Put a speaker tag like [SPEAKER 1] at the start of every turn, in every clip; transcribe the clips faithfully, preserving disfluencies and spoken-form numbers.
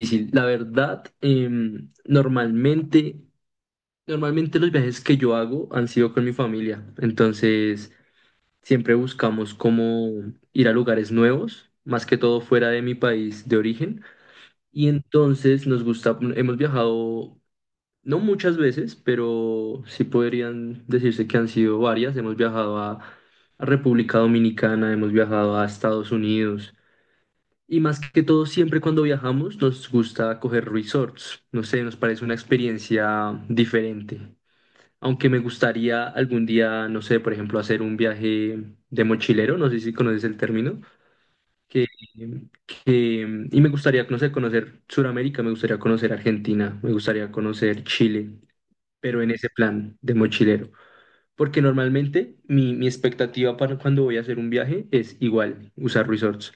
[SPEAKER 1] Difícil. La verdad, em, normalmente, normalmente los viajes que yo hago han sido con mi familia. Entonces, siempre buscamos cómo ir a lugares nuevos, más que todo fuera de mi país de origen. Y entonces nos gusta, hemos viajado, no muchas veces, pero sí podrían decirse que han sido varias. Hemos viajado a a República Dominicana, hemos viajado a Estados Unidos. Y más que todo, siempre cuando viajamos nos gusta coger resorts. No sé, nos parece una experiencia diferente. Aunque me gustaría algún día, no sé, por ejemplo, hacer un viaje de mochilero, no sé si conoces el término, que, que- y me gustaría, no sé, conocer Sudamérica, me gustaría conocer Argentina, me gustaría conocer Chile, pero en ese plan de mochilero. Porque normalmente mi, mi expectativa para cuando voy a hacer un viaje es igual, usar resorts.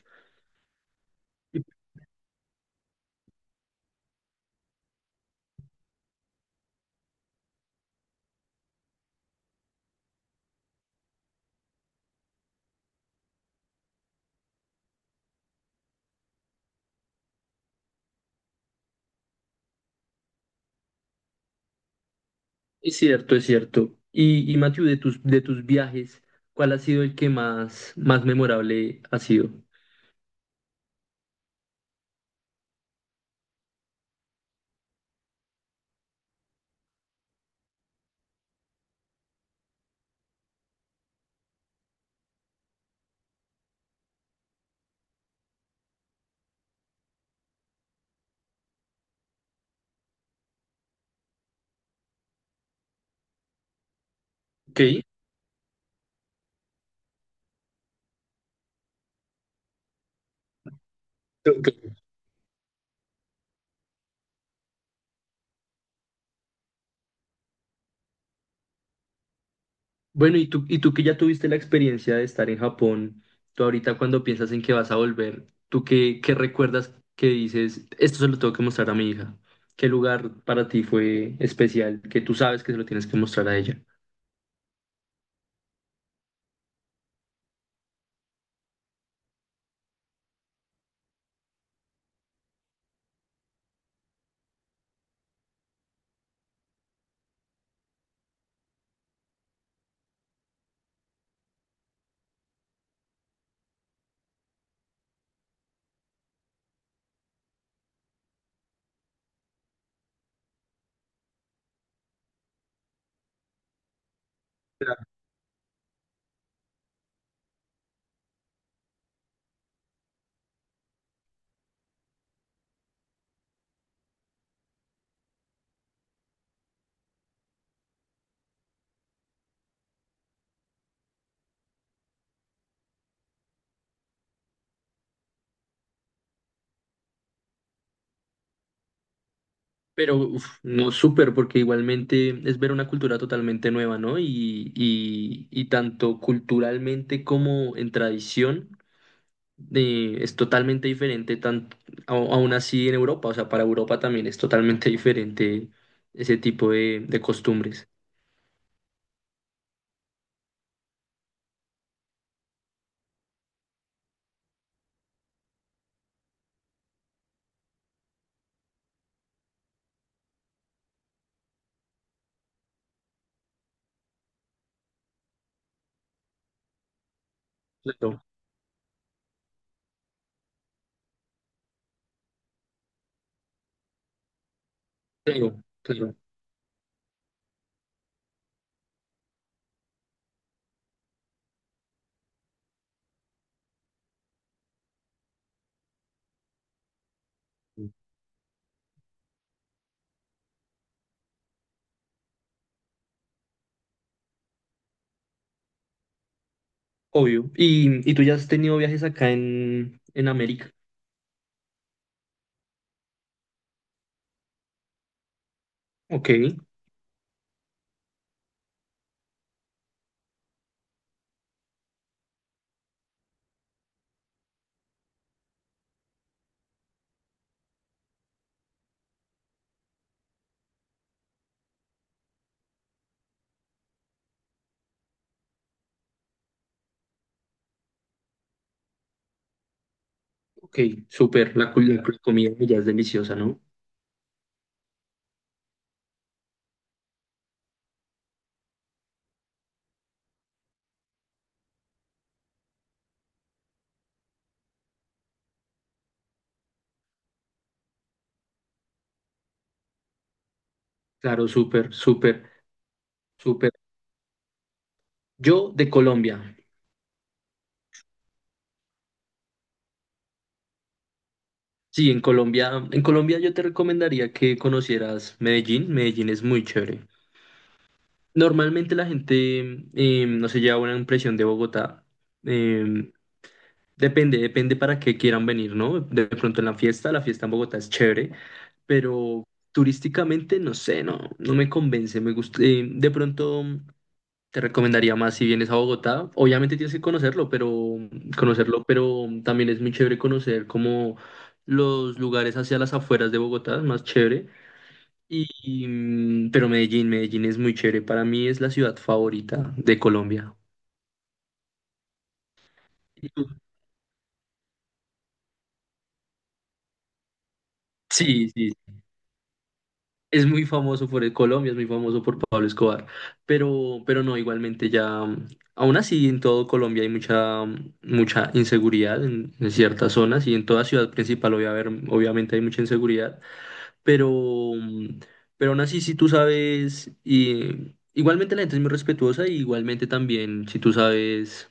[SPEAKER 1] Es cierto, es cierto. Y, y Matthew, de tus, de tus viajes, ¿cuál ha sido el que más, más memorable ha sido? Ok. Ok. Bueno, y tú, y tú que ya tuviste la experiencia de estar en Japón, tú ahorita cuando piensas en que vas a volver, ¿tú qué, qué recuerdas que dices, esto se lo tengo que mostrar a mi hija? ¿Qué lugar para ti fue especial que tú sabes que se lo tienes que mostrar a ella? Pero uf, no súper, porque igualmente es ver una cultura totalmente nueva, ¿no? Y, y, y tanto culturalmente como en tradición eh, es totalmente diferente, tan, au- aún así en Europa, o sea, para Europa también es totalmente diferente ese tipo de, de costumbres. Claro, claro, claro, obvio. ¿Y, y tú ya has tenido viajes acá en, en América? Ok, ok, súper, la, cul- la comida ya es deliciosa, ¿no? Claro, súper, súper. Súper. Yo de Colombia. Sí, en Colombia, en Colombia yo te recomendaría que conocieras Medellín. Medellín es muy chévere. Normalmente la gente eh, no se lleva una impresión de Bogotá. Eh, depende, depende para qué quieran venir, ¿no? De pronto en la fiesta, la fiesta en Bogotá es chévere, pero turísticamente no sé, no, no me convence. Me gusta, em, de pronto. Te recomendaría más si vienes a Bogotá. Obviamente tienes que conocerlo, pero conocerlo, pero también es muy chévere conocer como los lugares hacia las afueras de Bogotá, es más chévere. Y, y, mm, pero Medellín, Medellín es muy chévere. Para mí es la ciudad favorita de Colombia. ¿Y tú? Sí, sí, es muy famoso por el Colombia, es muy famoso por Pablo Escobar, pero, pero no, igualmente ya, mm, aún así en todo Colombia hay mucha, mm, mucha inseguridad en, en ciertas zonas y en toda ciudad principal obvia- haber- obviamente hay mucha inseguridad, pero, mm, pero aún así si tú sabes, y, igualmente la gente es muy respetuosa y igualmente también si tú sabes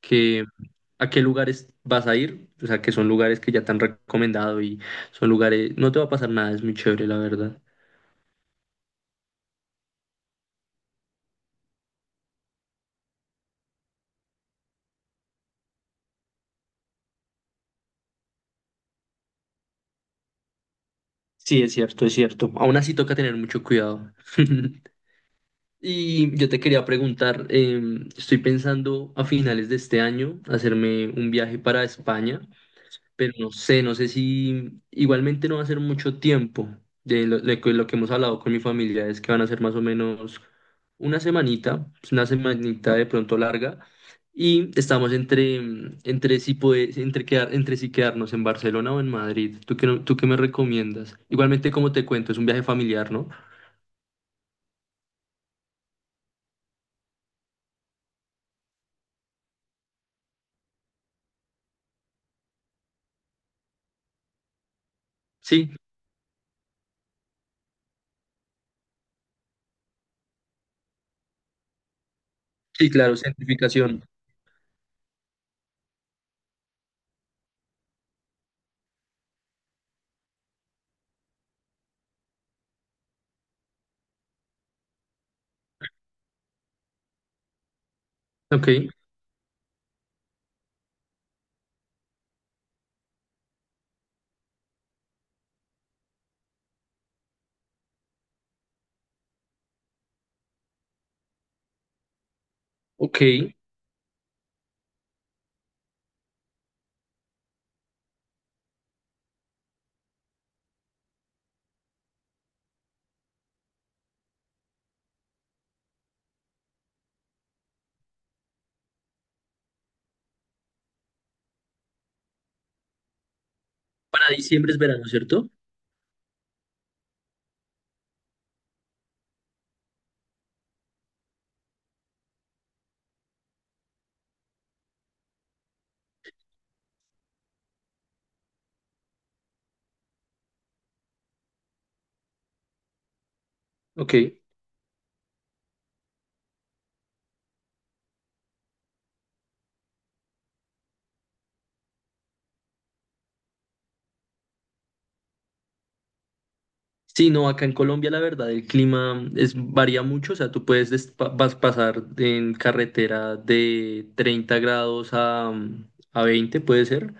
[SPEAKER 1] que a qué lugares vas a ir, o sea que son lugares que ya te han recomendado y son lugares, no te va a pasar nada, es muy chévere la verdad. Sí, es cierto, es cierto. Aún así toca tener mucho cuidado. Y yo te quería preguntar, em, estoy pensando a finales de este año hacerme un viaje para España, pero no sé, no sé si igualmente no va a ser mucho tiempo. De lo, de que- lo que hemos hablado con mi familia es que van a ser más o menos una semanita, pues, una semanita de pronto larga, y estamos entre, mm, entre si puede- entre quedar, entre si quedarnos en Barcelona o en Madrid. ¿Tú qué, no- tú qué me recomiendas? Igualmente, como te cuento, es un viaje familiar, ¿no? Sí, sí, claro, certificación. Ok, ok. Para diciembre es verano, ¿cierto? Ok. Sí, no, acá en Colombia la verdad el clima es, varía mucho, o sea, tú puedes des- pa- vas- pasar en carretera de treinta grados a, mm, a veinte puede ser,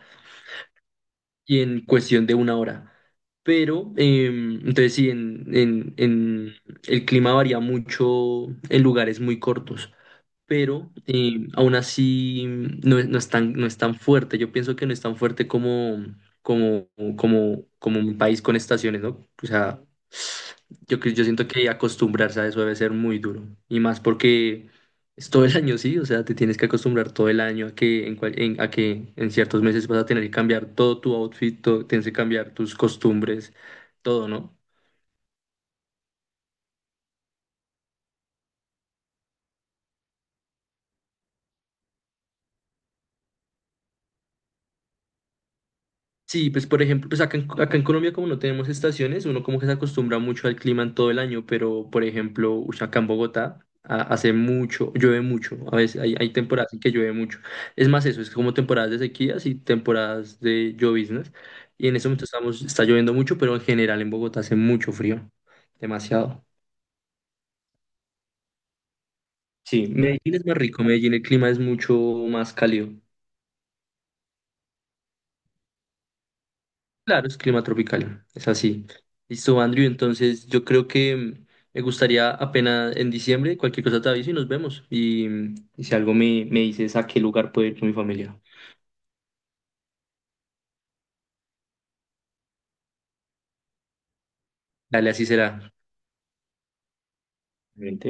[SPEAKER 1] y en cuestión de una hora. Pero, em, entonces sí, en, en, en- el clima varía mucho en lugares muy cortos, pero eh, aún así mm, no, es no es tan, no es tan fuerte. Yo pienso que no es tan fuerte como, como, como, como un país con estaciones, ¿no? O sea, yo, cre- yo siento que acostumbrarse a eso debe ser muy duro. Y más porque es todo el año, sí, o sea, te tienes que acostumbrar todo el año a que en, cual- en- a que en ciertos meses vas a tener que cambiar todo tu outfit, todo- tienes que cambiar tus costumbres, todo, ¿no? Sí, pues por ejemplo, pues acá en, acá en Colombia como no tenemos estaciones, uno como que se acostumbra mucho al clima en todo el año, pero por ejemplo, ush, acá en Bogotá ha- hace mucho, llueve mucho, a veces hay, hay temporadas en que llueve mucho. Es más eso, es como temporadas de sequías y temporadas de lloviznas. Y en ese momento estamos, está lloviendo mucho, pero en general en Bogotá hace mucho frío, demasiado. Sí, Medellín es más rico, Medellín el clima es mucho más cálido. Claro, es clima tropical, es así. Listo, Andrew, entonces yo creo que mm, me gustaría apenas en diciembre, cualquier cosa te aviso y nos vemos. Y, mm, y si algo me, me dices a qué lugar puedo ir con mi familia. Dale, así será. Obviamente.